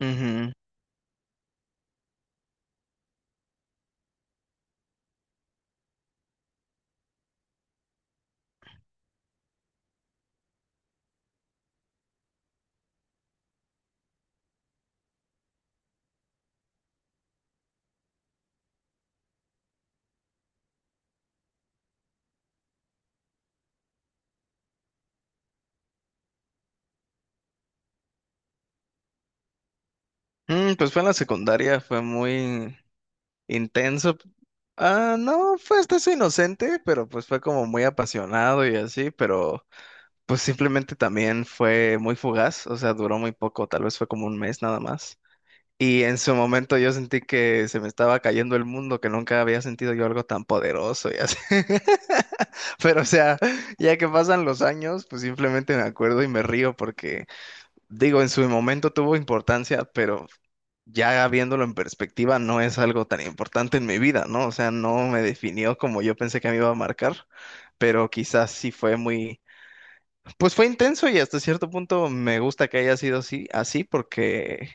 Ujú. Pues fue en la secundaria, fue muy intenso. Ah, no, fue hasta eso inocente, pero pues fue como muy apasionado y así, pero pues simplemente también fue muy fugaz, o sea, duró muy poco, tal vez fue como un mes nada más. Y en su momento yo sentí que se me estaba cayendo el mundo, que nunca había sentido yo algo tan poderoso y así. Pero o sea, ya que pasan los años, pues simplemente me acuerdo y me río porque digo, en su momento tuvo importancia, pero ya viéndolo en perspectiva, no es algo tan importante en mi vida, ¿no? O sea, no me definió como yo pensé que me iba a marcar, pero quizás sí fue muy, pues fue intenso y hasta cierto punto me gusta que haya sido así, así porque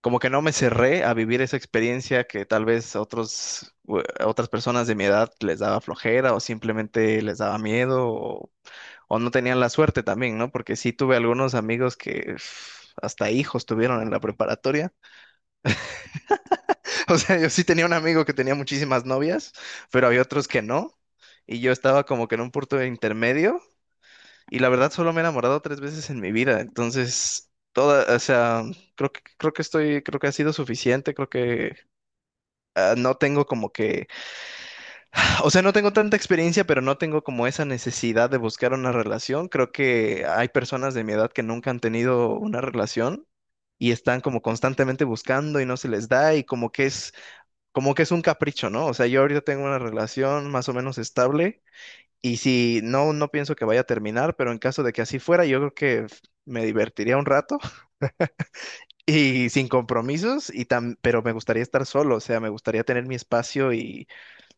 como que no me cerré a vivir esa experiencia que tal vez otros, otras personas de mi edad les daba flojera o simplemente les daba miedo o no tenían la suerte también, ¿no? Porque sí tuve algunos amigos que uf, hasta hijos tuvieron en la preparatoria. O sea, yo sí tenía un amigo que tenía muchísimas novias, pero había otros que no. Y yo estaba como que en un punto de intermedio. Y la verdad solo me he enamorado tres veces en mi vida. Entonces, toda, o sea, creo que ha sido suficiente. Creo que no tengo como que o sea, no tengo tanta experiencia, pero no tengo como esa necesidad de buscar una relación. Creo que hay personas de mi edad que nunca han tenido una relación y están como constantemente buscando y no se les da y como que es un capricho, ¿no? O sea, yo ahorita tengo una relación más o menos estable y si no, no pienso que vaya a terminar, pero en caso de que así fuera, yo creo que me divertiría un rato y sin compromisos y pero me gustaría estar solo, o sea, me gustaría tener mi espacio,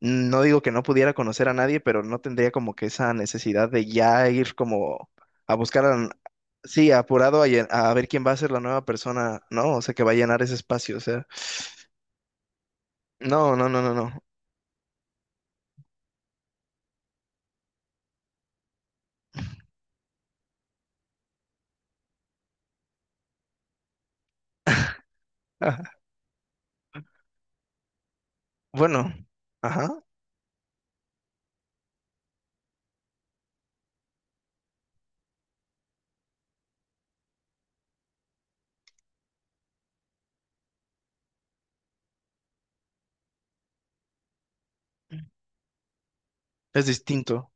no digo que no pudiera conocer a nadie, pero no tendría como que esa necesidad de ya ir como a buscar a, sí, apurado a, a ver quién va a ser la nueva persona, ¿no? O sea, que va a llenar ese espacio, o sea, no, no, no, no, no. Bueno, ajá, es distinto.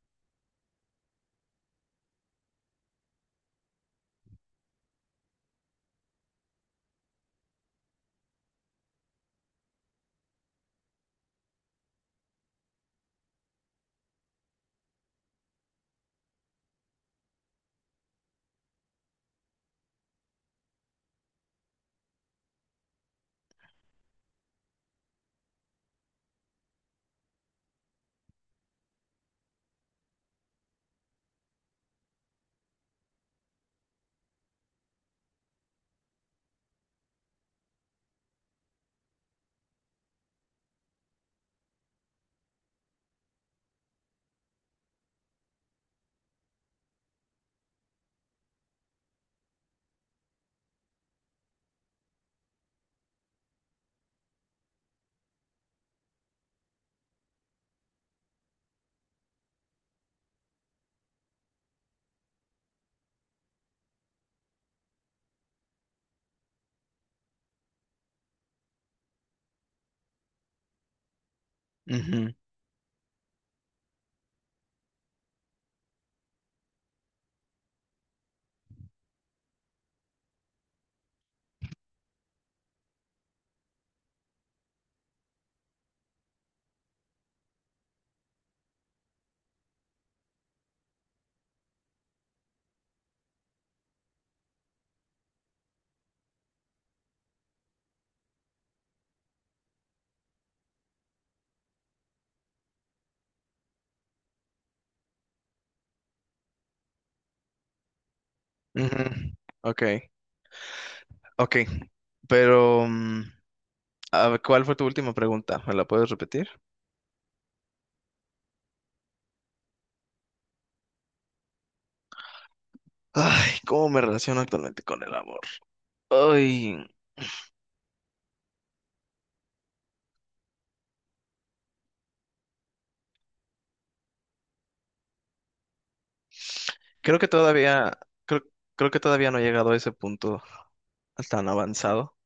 Ujú, ujú. Ok, ok, pero a ver, ¿cuál fue tu última pregunta? ¿Me la puedes repetir? Ay, ¿cómo me relaciono actualmente con el amor? Ay. Creo que todavía, creo, creo que todavía no he llegado a ese punto tan avanzado.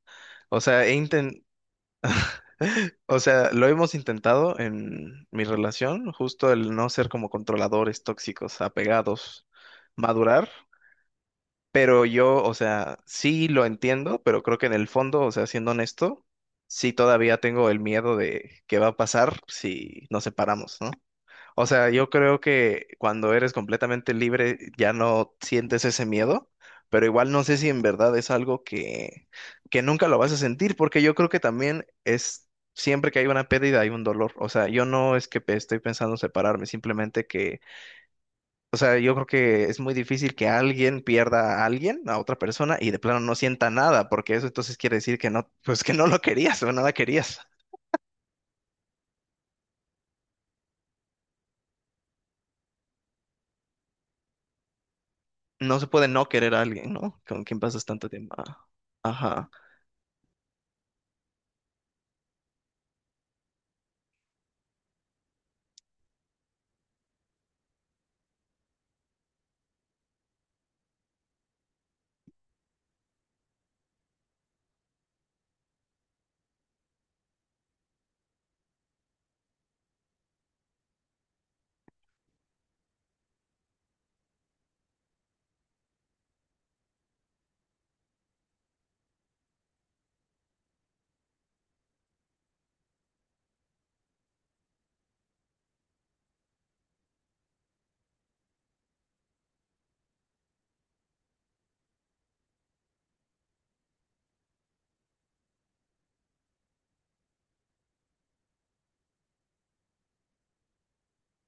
O sea, lo hemos intentado en mi relación, justo el no ser como controladores tóxicos, apegados, madurar. Pero yo, o sea, sí lo entiendo, pero creo que en el fondo, o sea, siendo honesto, sí todavía tengo el miedo de qué va a pasar si nos separamos, ¿no? O sea, yo creo que cuando eres completamente libre ya no sientes ese miedo, pero igual no sé si en verdad es algo que nunca lo vas a sentir, porque yo creo que también es siempre que hay una pérdida hay un dolor. O sea, yo no es que estoy pensando separarme, simplemente que, o sea, yo creo que es muy difícil que alguien pierda a alguien, a otra persona, y de plano no sienta nada, porque eso entonces quiere decir que no, pues que no lo querías o no la querías. No se puede no querer a alguien, ¿no? Con quien pasas tanto tiempo. Ah, ajá.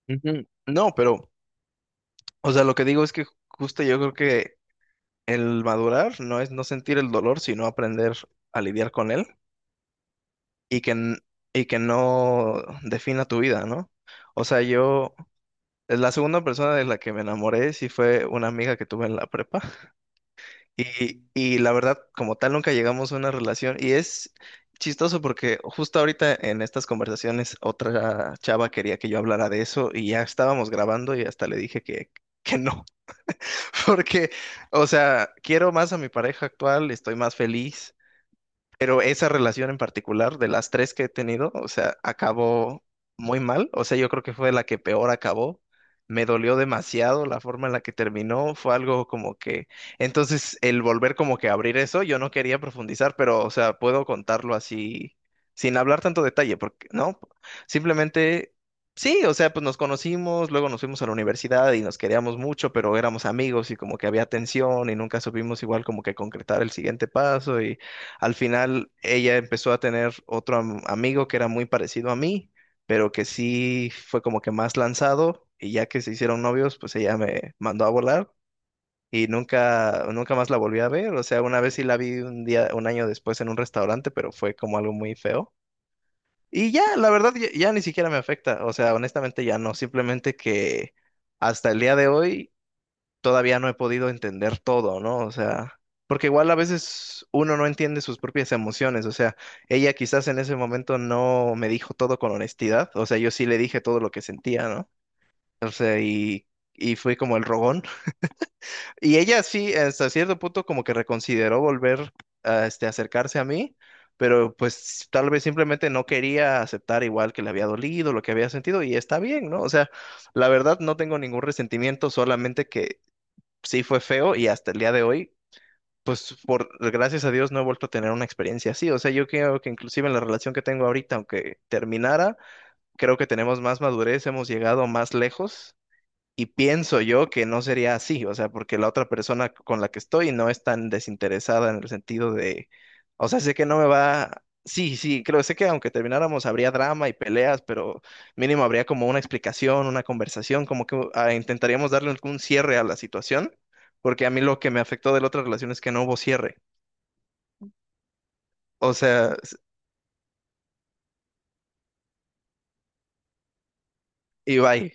Ujú. No, pero, o sea, lo que digo es que justo yo creo que el madurar no es no sentir el dolor, sino aprender a lidiar con él y que, y que no defina tu vida, ¿no? O sea, yo, la segunda persona de la que me enamoré sí fue una amiga que tuve en la prepa y la verdad, como tal, nunca llegamos a una relación y es chistoso porque justo ahorita en estas conversaciones otra chava quería que yo hablara de eso y ya estábamos grabando y hasta le dije que no. Porque, o sea, quiero más a mi pareja actual, estoy más feliz. Pero esa relación en particular, de las tres que he tenido, o sea, acabó muy mal. O sea, yo creo que fue la que peor acabó. Me dolió demasiado la forma en la que terminó. Fue algo como que... Entonces, el volver como que a abrir eso, yo no quería profundizar, pero, o sea, puedo contarlo así, sin hablar tanto detalle, porque, ¿no? Simplemente, sí, o sea, pues nos conocimos, luego nos fuimos a la universidad y nos queríamos mucho, pero éramos amigos y como que había tensión y nunca supimos igual como que concretar el siguiente paso y... Al final ella empezó a tener otro amigo que era muy parecido a mí, pero que sí fue como que más lanzado y ya que se hicieron novios, pues ella me mandó a volar y nunca nunca más la volví a ver, o sea, una vez sí la vi un día un año después en un restaurante, pero fue como algo muy feo. Y ya, la verdad ya, ni siquiera me afecta, o sea, honestamente ya no, simplemente que hasta el día de hoy todavía no he podido entender todo, ¿no? O sea, porque igual a veces uno no entiende sus propias emociones, o sea, ella quizás en ese momento no me dijo todo con honestidad, o sea, yo sí le dije todo lo que sentía, ¿no? O sea, y fui como el rogón. Y ella sí, hasta cierto punto, como que reconsideró volver a este, acercarse a mí, pero pues tal vez simplemente no quería aceptar igual que le había dolido, lo que había sentido, y está bien, ¿no? O sea, la verdad no tengo ningún resentimiento, solamente que sí fue feo y hasta el día de hoy, pues por gracias a Dios no he vuelto a tener una experiencia así. O sea, yo creo que inclusive en la relación que tengo ahorita, aunque terminara, creo que tenemos más madurez, hemos llegado más lejos y pienso yo que no sería así, o sea, porque la otra persona con la que estoy no es tan desinteresada en el sentido de, o sea, sé que no me va, sí, sí, creo, sé que aunque termináramos habría drama y peleas, pero mínimo habría como una explicación, una conversación, como que ah, intentaríamos darle algún cierre a la situación, porque a mí lo que me afectó de la otra relación es que no hubo cierre, o sea, y bye.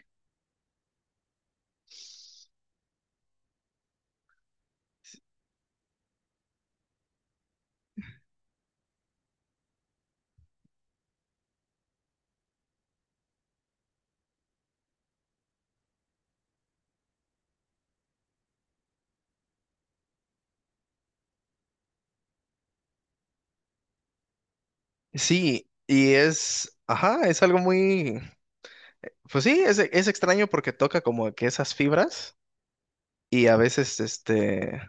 Sí, y es, ajá, es algo muy, pues sí, es extraño porque toca como que esas fibras. Y a veces, este,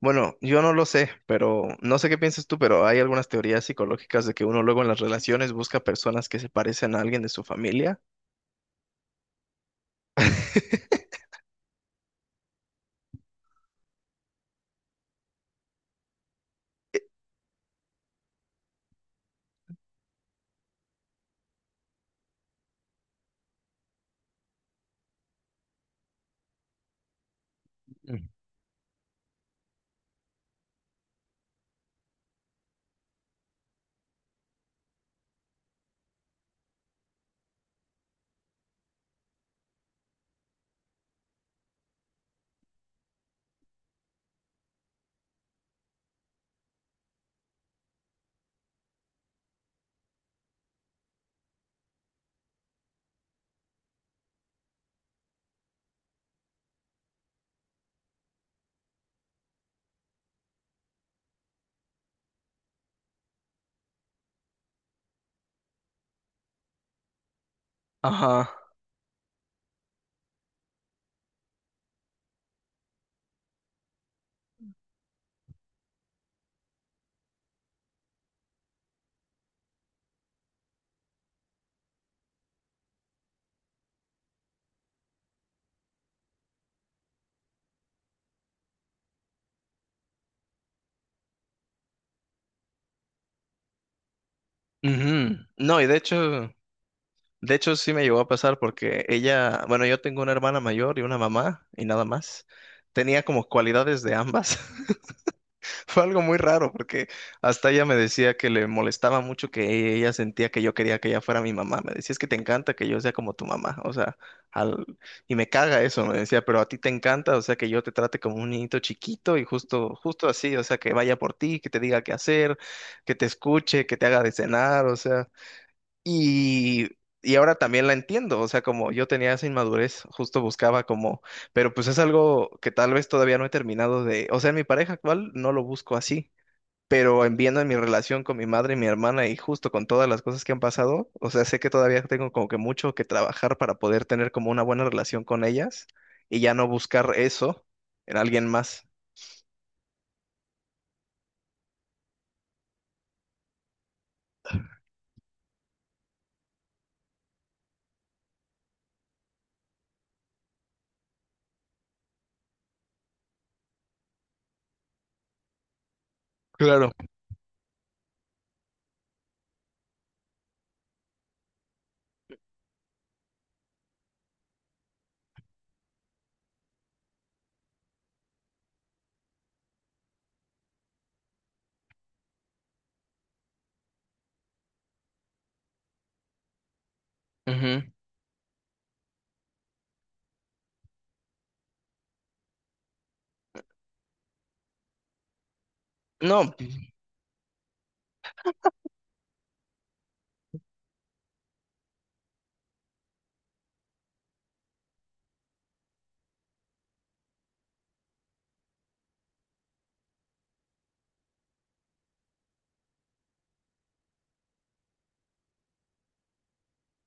bueno, yo no lo sé, pero no sé qué piensas tú, pero hay algunas teorías psicológicas de que uno luego en las relaciones busca personas que se parecen a alguien de su familia. Mm. Ajá. Ujú. No, y de hecho sí me llegó a pasar porque ella, bueno, yo tengo una hermana mayor y una mamá y nada más. Tenía como cualidades de ambas. Fue algo muy raro porque hasta ella me decía que le molestaba mucho que ella sentía que yo quería que ella fuera mi mamá. Me decía, es que te encanta que yo sea como tu mamá, o sea, al... y me caga eso, me decía, pero a ti te encanta, o sea, que yo te trate como un niñito chiquito y justo, justo así, o sea, que vaya por ti, que te diga qué hacer, que te escuche, que te haga de cenar, o sea. Y, y ahora también la entiendo, o sea, como yo tenía esa inmadurez, justo buscaba como, pero pues es algo que tal vez todavía no he terminado de, o sea, en mi pareja actual no lo busco así, pero en viendo en mi relación con mi madre y mi hermana y justo con todas las cosas que han pasado, o sea, sé que todavía tengo como que mucho que trabajar para poder tener como una buena relación con ellas y ya no buscar eso en alguien más. Claro, ujú. No,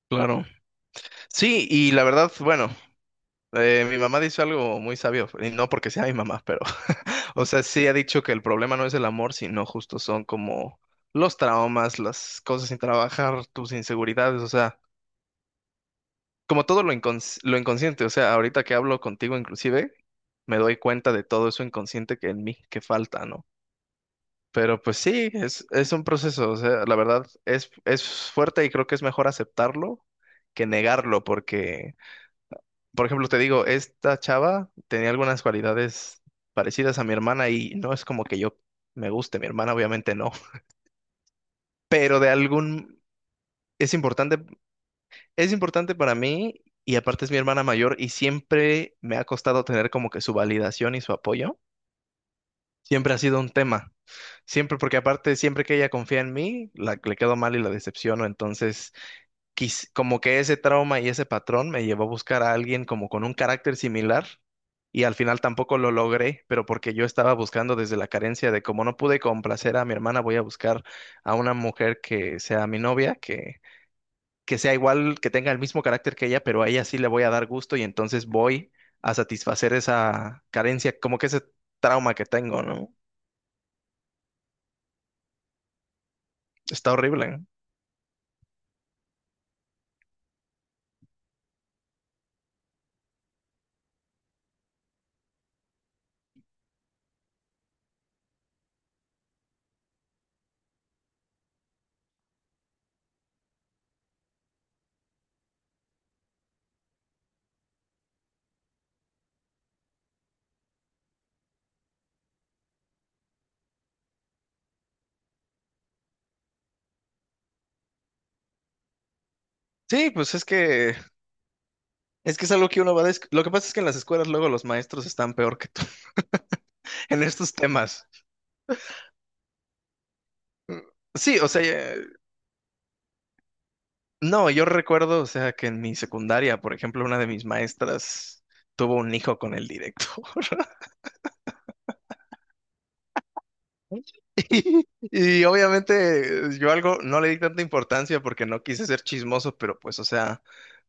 claro. Sí, y la verdad, bueno. Mi mamá dice algo muy sabio, y no porque sea mi mamá, pero, o sea, sí ha dicho que el problema no es el amor, sino justo son como los traumas, las cosas sin trabajar, tus inseguridades, o sea, como todo lo lo inconsciente, o sea, ahorita que hablo contigo inclusive, me doy cuenta de todo eso inconsciente que en mí, que falta, ¿no? Pero pues sí, es un proceso, o sea, la verdad es fuerte y creo que es mejor aceptarlo que negarlo, porque... Por ejemplo, te digo, esta chava tenía algunas cualidades parecidas a mi hermana y no es como que yo me guste, mi hermana obviamente no, pero de algún, es importante, es importante para mí, y aparte es mi hermana mayor y siempre me ha costado tener como que su validación y su apoyo. Siempre ha sido un tema, siempre porque aparte siempre que ella confía en mí, le quedo mal y la decepciono, entonces como que ese trauma y ese patrón me llevó a buscar a alguien como con un carácter similar y al final tampoco lo logré, pero porque yo estaba buscando desde la carencia de como no pude complacer a mi hermana, voy a buscar a una mujer que sea mi novia, que sea igual, que tenga el mismo carácter que ella, pero a ella sí le voy a dar gusto y entonces voy a satisfacer esa carencia, como que ese trauma que tengo, ¿no? Está horrible. Sí, pues es que es algo que uno va a... Lo que pasa es que en las escuelas luego los maestros están peor que tú en estos temas. Sí, o sea, no, yo recuerdo, o sea, que en mi secundaria, por ejemplo, una de mis maestras tuvo un hijo con el directo. Y obviamente yo algo no le di tanta importancia porque no quise ser chismoso, pero pues, o sea,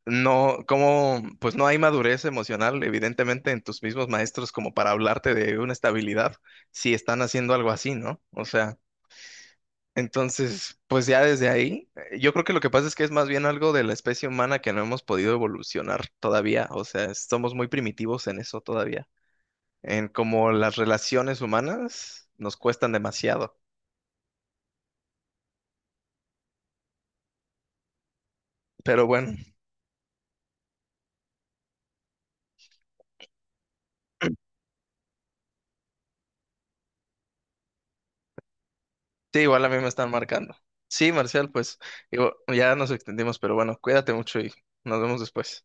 no, como, pues no hay madurez emocional, evidentemente, en tus mismos maestros como para hablarte de una estabilidad si están haciendo algo así, ¿no? O sea, entonces, pues ya desde ahí, yo creo que lo que pasa es que es más bien algo de la especie humana que no hemos podido evolucionar todavía, o sea, somos muy primitivos en eso todavía, en como las relaciones humanas nos cuestan demasiado, pero bueno, sí, igual a mí me están marcando. Sí, Marcial, pues digo, ya nos extendimos, pero bueno, cuídate mucho y nos vemos después.